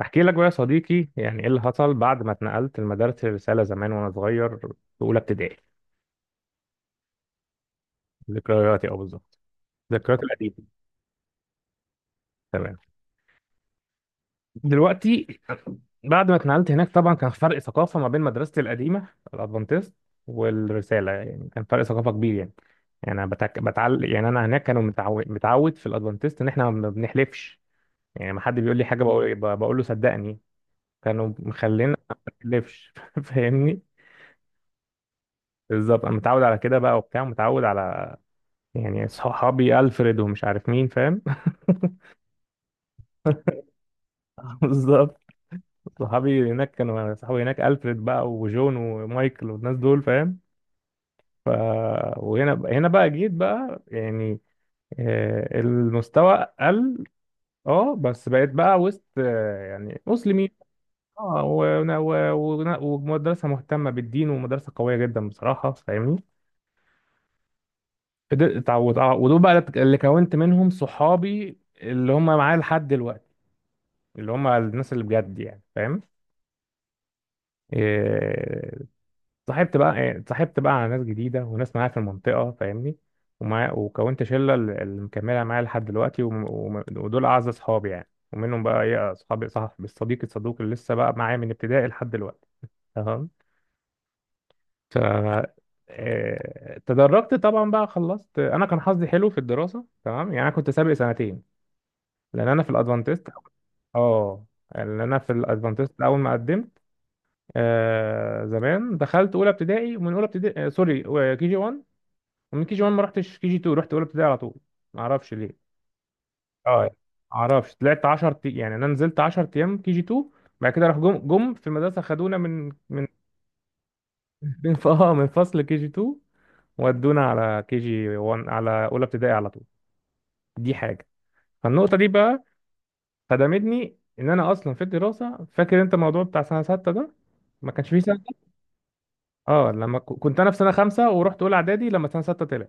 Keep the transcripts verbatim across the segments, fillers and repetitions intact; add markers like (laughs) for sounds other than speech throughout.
احكي لك بقى يا صديقي يعني ايه اللي حصل بعد ما اتنقلت لمدارس الرساله زمان وانا صغير في اولى ابتدائي. ذكرياتي او بالظبط ذكرياتي القديمه. تمام. دلوقتي بعد ما اتنقلت هناك طبعا كان فرق ثقافه ما بين مدرستي القديمه الادفانتست والرساله، يعني كان فرق ثقافه كبير يعني. يعني انا بتك... بتعل... يعني انا هناك كانوا متعود متعود في الادفانتست ان احنا ما بنحلفش، يعني ما حد بيقول لي حاجه بقول, بقول له صدقني. كانوا مخلينا ما نحلفش (laughs) فاهمني. بالظبط انا متعود على كده بقى وبتاع متعود على، يعني صحابي ألفريد ومش عارف مين فاهم. (laughs) بالظبط. صحابي هناك كانوا، صحابي هناك ألفريد بقى وجون ومايكل والناس دول فاهم. ف، وهنا هنا بقى جيت بقى يعني آه، المستوى قل. اه بس بقيت بقى وسط، آه، يعني مسلمين. اه و- و- و- ومدرسة مهتمة بالدين ومدرسة قوية جدا بصراحة فاهمني. فضلت- وتع- ودول بقى اللي كونت منهم صحابي اللي هم معايا لحد دلوقتي، اللي هم الناس اللي بجد يعني فاهم. إيه، اتصاحبت بقى، إيه، اتصاحبت بقى على ناس جديدة وناس معايا في المنطقة فاهمني. ومع وكونت شلة اللي اللي مكملة معايا لحد دلوقتي وم- وم- ودول أعز أصحابي يعني. ومنهم بقى إيه أصحابي صاحب الصديق الصدوق اللي لسه بقى معايا من ابتدائي لحد دلوقتي. تمام. ف، إيه، تدرجت طبعا بقى خلصت. أنا كان حظي حلو في الدراسة تمام. يعني أنا كنت سابق سنتين لأن أنا في الأدفانتست. أه. لأن أنا في الأدفانتست أول ما قدمت، آه زمان دخلت اولى ابتدائي. ومن اولى ابتدائي آه سوري، آه، كي جي وان. ومن كي جي وان ما رحتش كي جي تو، رحت اولى ابتدائي على طول. ما اعرفش ليه. اه ما اعرفش طلعت عشرة، يعني انا نزلت عشر ايام كي جي تو بعد كده، راح جم جم في المدرسه، خدونا من من (laughs) من ف- آه، من فصل كي جي تو ودونا على كي جي وان على اولى ابتدائي على طول. دي حاجه. فالنقطه دي بقى خدمتني ان انا اصلا في الدراسه. فاكر انت الموضوع بتاع سنه سته ده؟ ما كانش فيه سنه. اه، لما ك- كنت انا في سنه خمسه ورحت اولى اعدادي لما سنه سته طلع.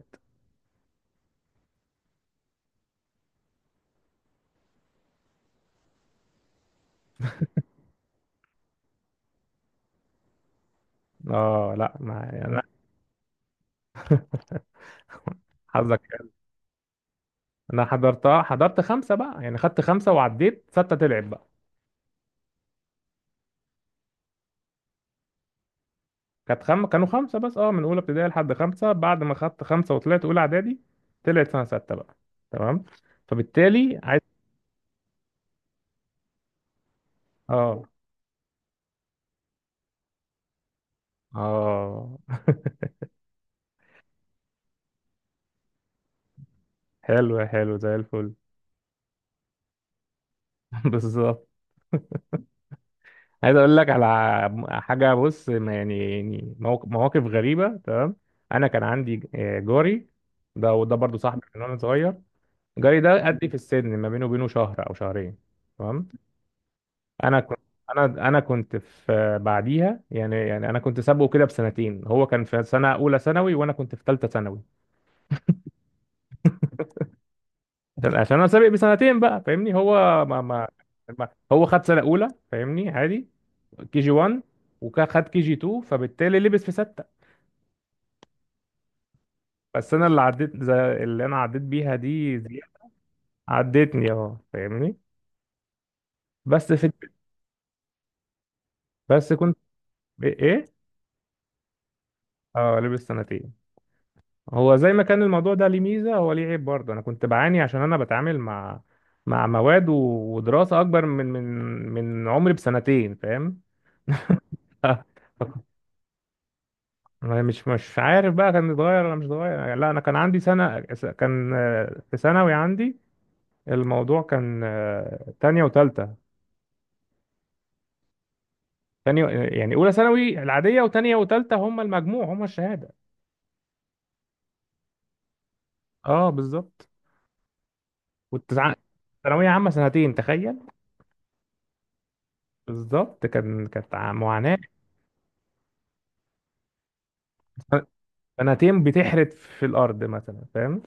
اه لا، ما يعني، لا انا. حظك حلو. انا حضرتها حضرت خمسه بقى، يعني خدت خمسه وعديت سته تلعب بقى. كانت خم... كانوا خمسه بس، اه من اولى ابتدائي لحد خمسه. بعد ما خدت خمسه وطلعت اولى اعدادي طلعت سنه سته بقى. تمام. فبالتالي عايز. اه. اه. (laughs) حلو حلو زي الفل. (laughs) بالظبط. عايز اقول لك على حاجه. بص ما يعني، يعني موق- مواقف غريبه. تمام. انا كان عندي، آه، جاري ده، وده برضو صاحبي من وانا صغير. جاري ده قدي في السن، ما بينه وبينه شهر او شهرين. تمام. انا كنت، انا انا كنت في بعديها، يعني، يعني انا كنت سابقه كده بسنتين. هو كان في سنه اولى ثانوي وانا كنت في ثالثه ثانوي. عشان عشان انا سابق بسنتين بقى فاهمني. هو ما ما ما- هو خد سنه اولى فاهمني عادي، كي جي وان وخد كي جي تو فبالتالي لبس في سته. بس انا اللي عديت، زي اللي انا عديت بيها دي زي- عدتني اه فاهمني. بس في، بس كنت. ايه. اه لبس سنتين. هو زي ما كان الموضوع ده ليه ميزة، هو ليه عيب برضه. أنا كنت بعاني عشان أنا بتعامل مع، مع مواد و- ودراسة أكبر من من من عمري بسنتين فاهم. (laughs) أنا مش مش عارف بقى كان اتغير ولا مش اتغير. لا أنا كان عندي سنة. كان، آه، في ثانوي عندي الموضوع كان، آه، تانية وتالتة. تانية. يعني أولى ثانوي العادية، وتانية وتالتة هما المجموع هما الشهادة. أه بالظبط. والتسعة ثانوية عامة سنتين تخيل. بالظبط كان، كانت ع- معاناة. سنتين بتحرت في الارض مثلا فاهم.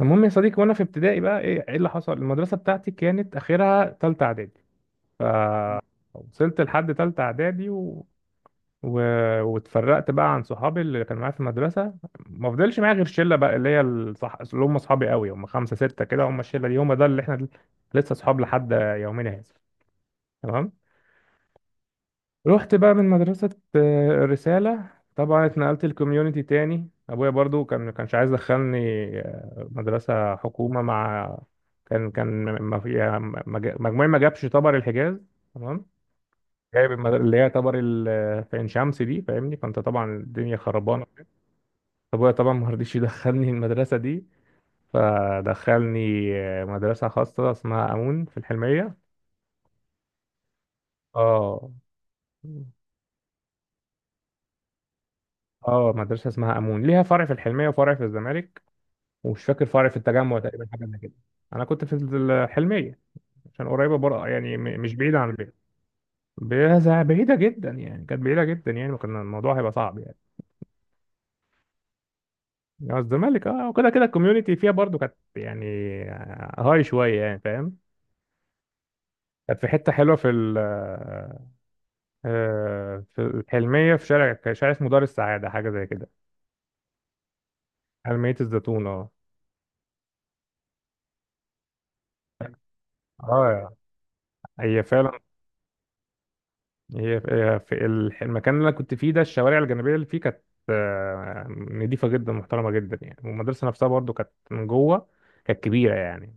المهم يا صديقي وانا في ابتدائي بقى، ايه إيه اللي حصل؟ المدرسه بتاعتي كانت اخرها تالتة اعدادي، فوصلت لحد تالتة اعدادي و... و... واتفرقت بقى عن صحابي اللي كانوا معايا في المدرسه. ما فضلش معايا غير شله بقى اللي هي الصح... اللي هم اصحابي قوي، هم خمسه سته كده، هم الشله دي هم ده اللي احنا لسه اصحاب لحد يومنا هذا. تمام. رحت بقى من مدرسة، آه، الرسالة. طبعا اتنقلت الكوميونيتي تاني. ابويا برضو كان ما كانش عايز يدخلني، آه، مدرسة حكومة مع. كان كان، ما في يعني، ما- ما جا- مجموعي ما جابش طبر الحجاز. تمام. جايب المد- اللي هي طبر ال- آه، في عين شمس دي فاهمني. فانت طبعا الدنيا خربانة. ابويا طبعا ما رضيش يدخلني المدرسة دي، فدخلني، آه، مدرسة خاصة اسمها امون في الحلمية. اه. اه مدرسة اسمها امون، ليها فرع في الحلمية وفرع في الزمالك، ومش فاكر فرع في التجمع تقريبا، حاجه زي كده. انا كنت في الحلميه عشان قريبه بره، يعني م- مش بعيده عن البيت. بيزا- بعيده جدا يعني، كانت بعيده جدا يعني، وكان الموضوع هيبقى صعب يعني. يعني الزمالك، اه. وكده كده الكوميونتي فيها برضو كانت يعني هاي شويه يعني فاهم. كانت في حته حلوه في ال- آه، في الحلميه، في شارع، شارع اسمه دار السعاده حاجه زي كده. حلميه الزيتون اه. اه هي فعلا. هي هي في الح- المكان اللي انا كنت فيه ده، الشوارع الجانبيه اللي فيه كانت، آه، نضيفه جدا محترمه جدا يعني. والمدرسه نفسها برضو كانت من جوه كانت كبيره يعني.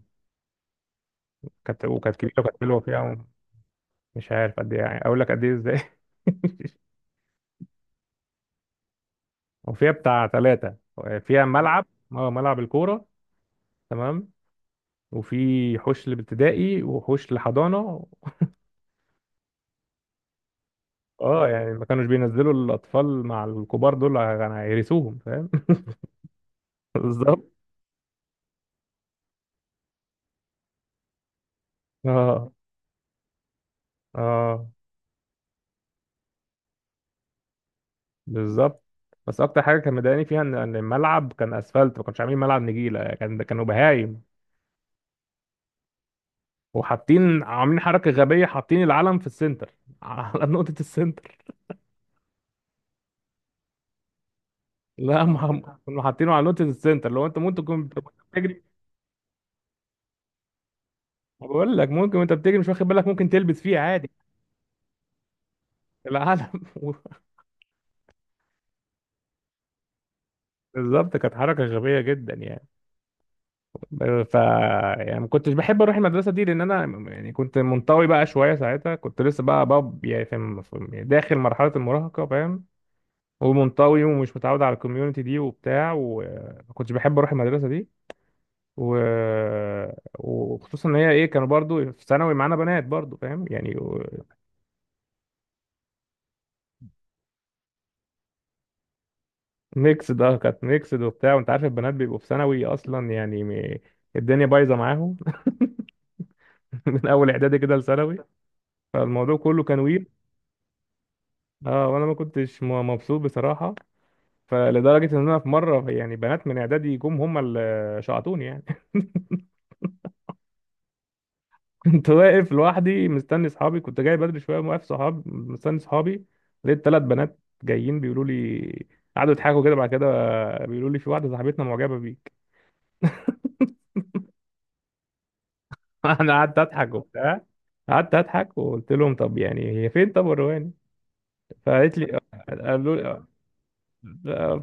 كانت، وكانت كبيره وكانت حلوه فيها. مش عارف قد ايه يعني، اقول لك قد ايه ازاي؟ (laughs) وفيها بتاع ثلاثه. فيها ملعب، اه ملعب الكوره. تمام. وفي حوش لابتدائي وحوش لحضانه. اه يعني ما كانوش بينزلوا الاطفال مع الكبار دول يعني هيرثوهم فاهم. (laughs) بالظبط. اه. اه بالظبط. بس اكتر حاجه كان مضايقاني فيها ان إن الملعب كان اسفلت، ما كانش عاملين ملعب نجيله يعني، كان كانوا بهايم. وحاطين عاملين حركه غبيه حاطين العلم في السنتر (laughs) على نقطه السنتر. لا ما هم كانوا حاطينه على نقطه السنتر، لو انت ممكن تكون أنت وأنت بتجري. بقول لك ممكن وانت بتجري مش واخد بالك ممكن تلبس فيه عادي. العلم. (laughs) بالظبط كانت حركه غبيه جدا يعني. ف يعني ما كنتش بحب اروح المدرسه دي لان انا، يعني كنت منطوي بقى شويه ساعتها. كنت لسه بقى باب يعني في في- داخل مرحله المراهقه فاهم. ومنطوي ومش متعود على الكوميونتي دي وبتاع، وما كنتش بحب اروح المدرسه دي و... وخصوصا ان هي ايه، كانوا برضو في ثانوي معانا بنات برضو فاهم يعني و... ميكس ده. كانت ميكس ده وبتاع. وانت عارف البنات بيبقوا في ثانوي اصلا يعني م... الدنيا بايظه معاهم. (laughs) من اول اعدادي كده لثانوي. فالموضوع كله كان ويل. اه وانا ما كنتش م- مبسوط بصراحه. فلدرجه ان انا في مره يعني بنات من اعدادي جم هم اللي شعطوني يعني. كنت واقف لوحدي مستني صحابي، كنت جاي بدري شويه، واقف صحابي مستني صحابي. لقيت ثلاث بنات جايين بيقولوا لي، قعدوا يضحكوا كده، بعد كده بيقولوا لي في واحده صاحبتنا معجبه بيك. (laughs) انا قعدت اضحك (laughs) وبتاع. قعدت اضحك وقلت لهم طب يعني هي فين، طب الرهاني. فقالت لي، قالوا لي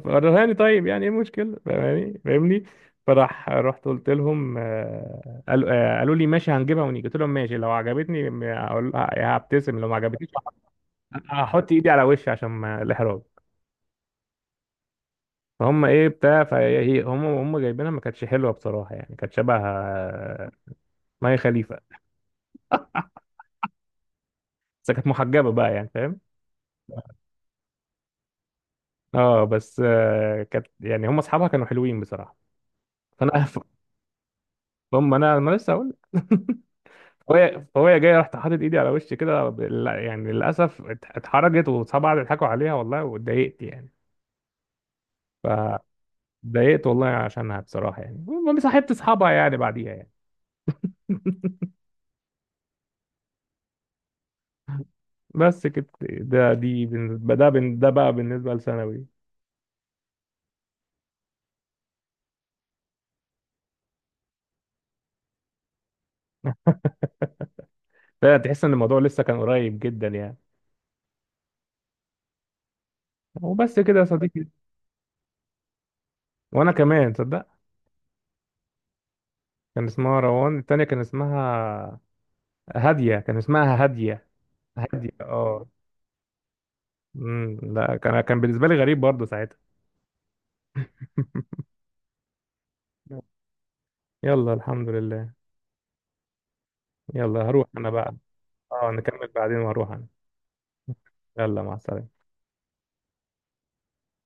الرهاني طيب، يعني ايه المشكله فاهماني فاهمني. فراح رحت قلت لهم، آه، قالوا، آه، قالوا لي ماشي هنجيبها ونيجي، قلت لهم ماشي لو عجبتني م- هقول- هبتسم، لو ما عجبتنيش هحط ايدي على وشي عشان ما الاحراج. فهم ايه بتاع. فهي إيه، هم هم جايبينها، ما كانتش حلوه بصراحه يعني، كانت شبه، آه، مي خليفه. بس كانت محجبه بقى يعني فاهم. اه بس، آه، كانت يعني هم اصحابها كانوا حلوين بصراحه. فانا (laughs) هم انا انا لسه هقول. (laughs) فهي فهي جايه، رحت حاطط ايدي على وشي كده بال- يعني للاسف ات- اتحرجت، واصحابها قعدوا يضحكوا عليها والله، واتضايقت يعني. فضايقت والله عشانها بصراحه يعني. المهم صاحبت اصحابها يعني بعديها يعني، بس كده. ده دي بالنسبة ده بن- ده بقى بالنسبة لثانوي. ده تحس ان الموضوع لسه كان قريب جدا يعني. وبس كده يا صديقي. وانا كمان تصدق كان اسمها روان، التانية كان اسمها هادية، كان اسمها هادية. هادية اه. امم لا كان، كان بالنسبة لي غريب برضه ساعتها. (laughs) يلا الحمد لله. يلا هروح انا بقى. اه نكمل بعدين وهروح انا. يلا مع السلامة.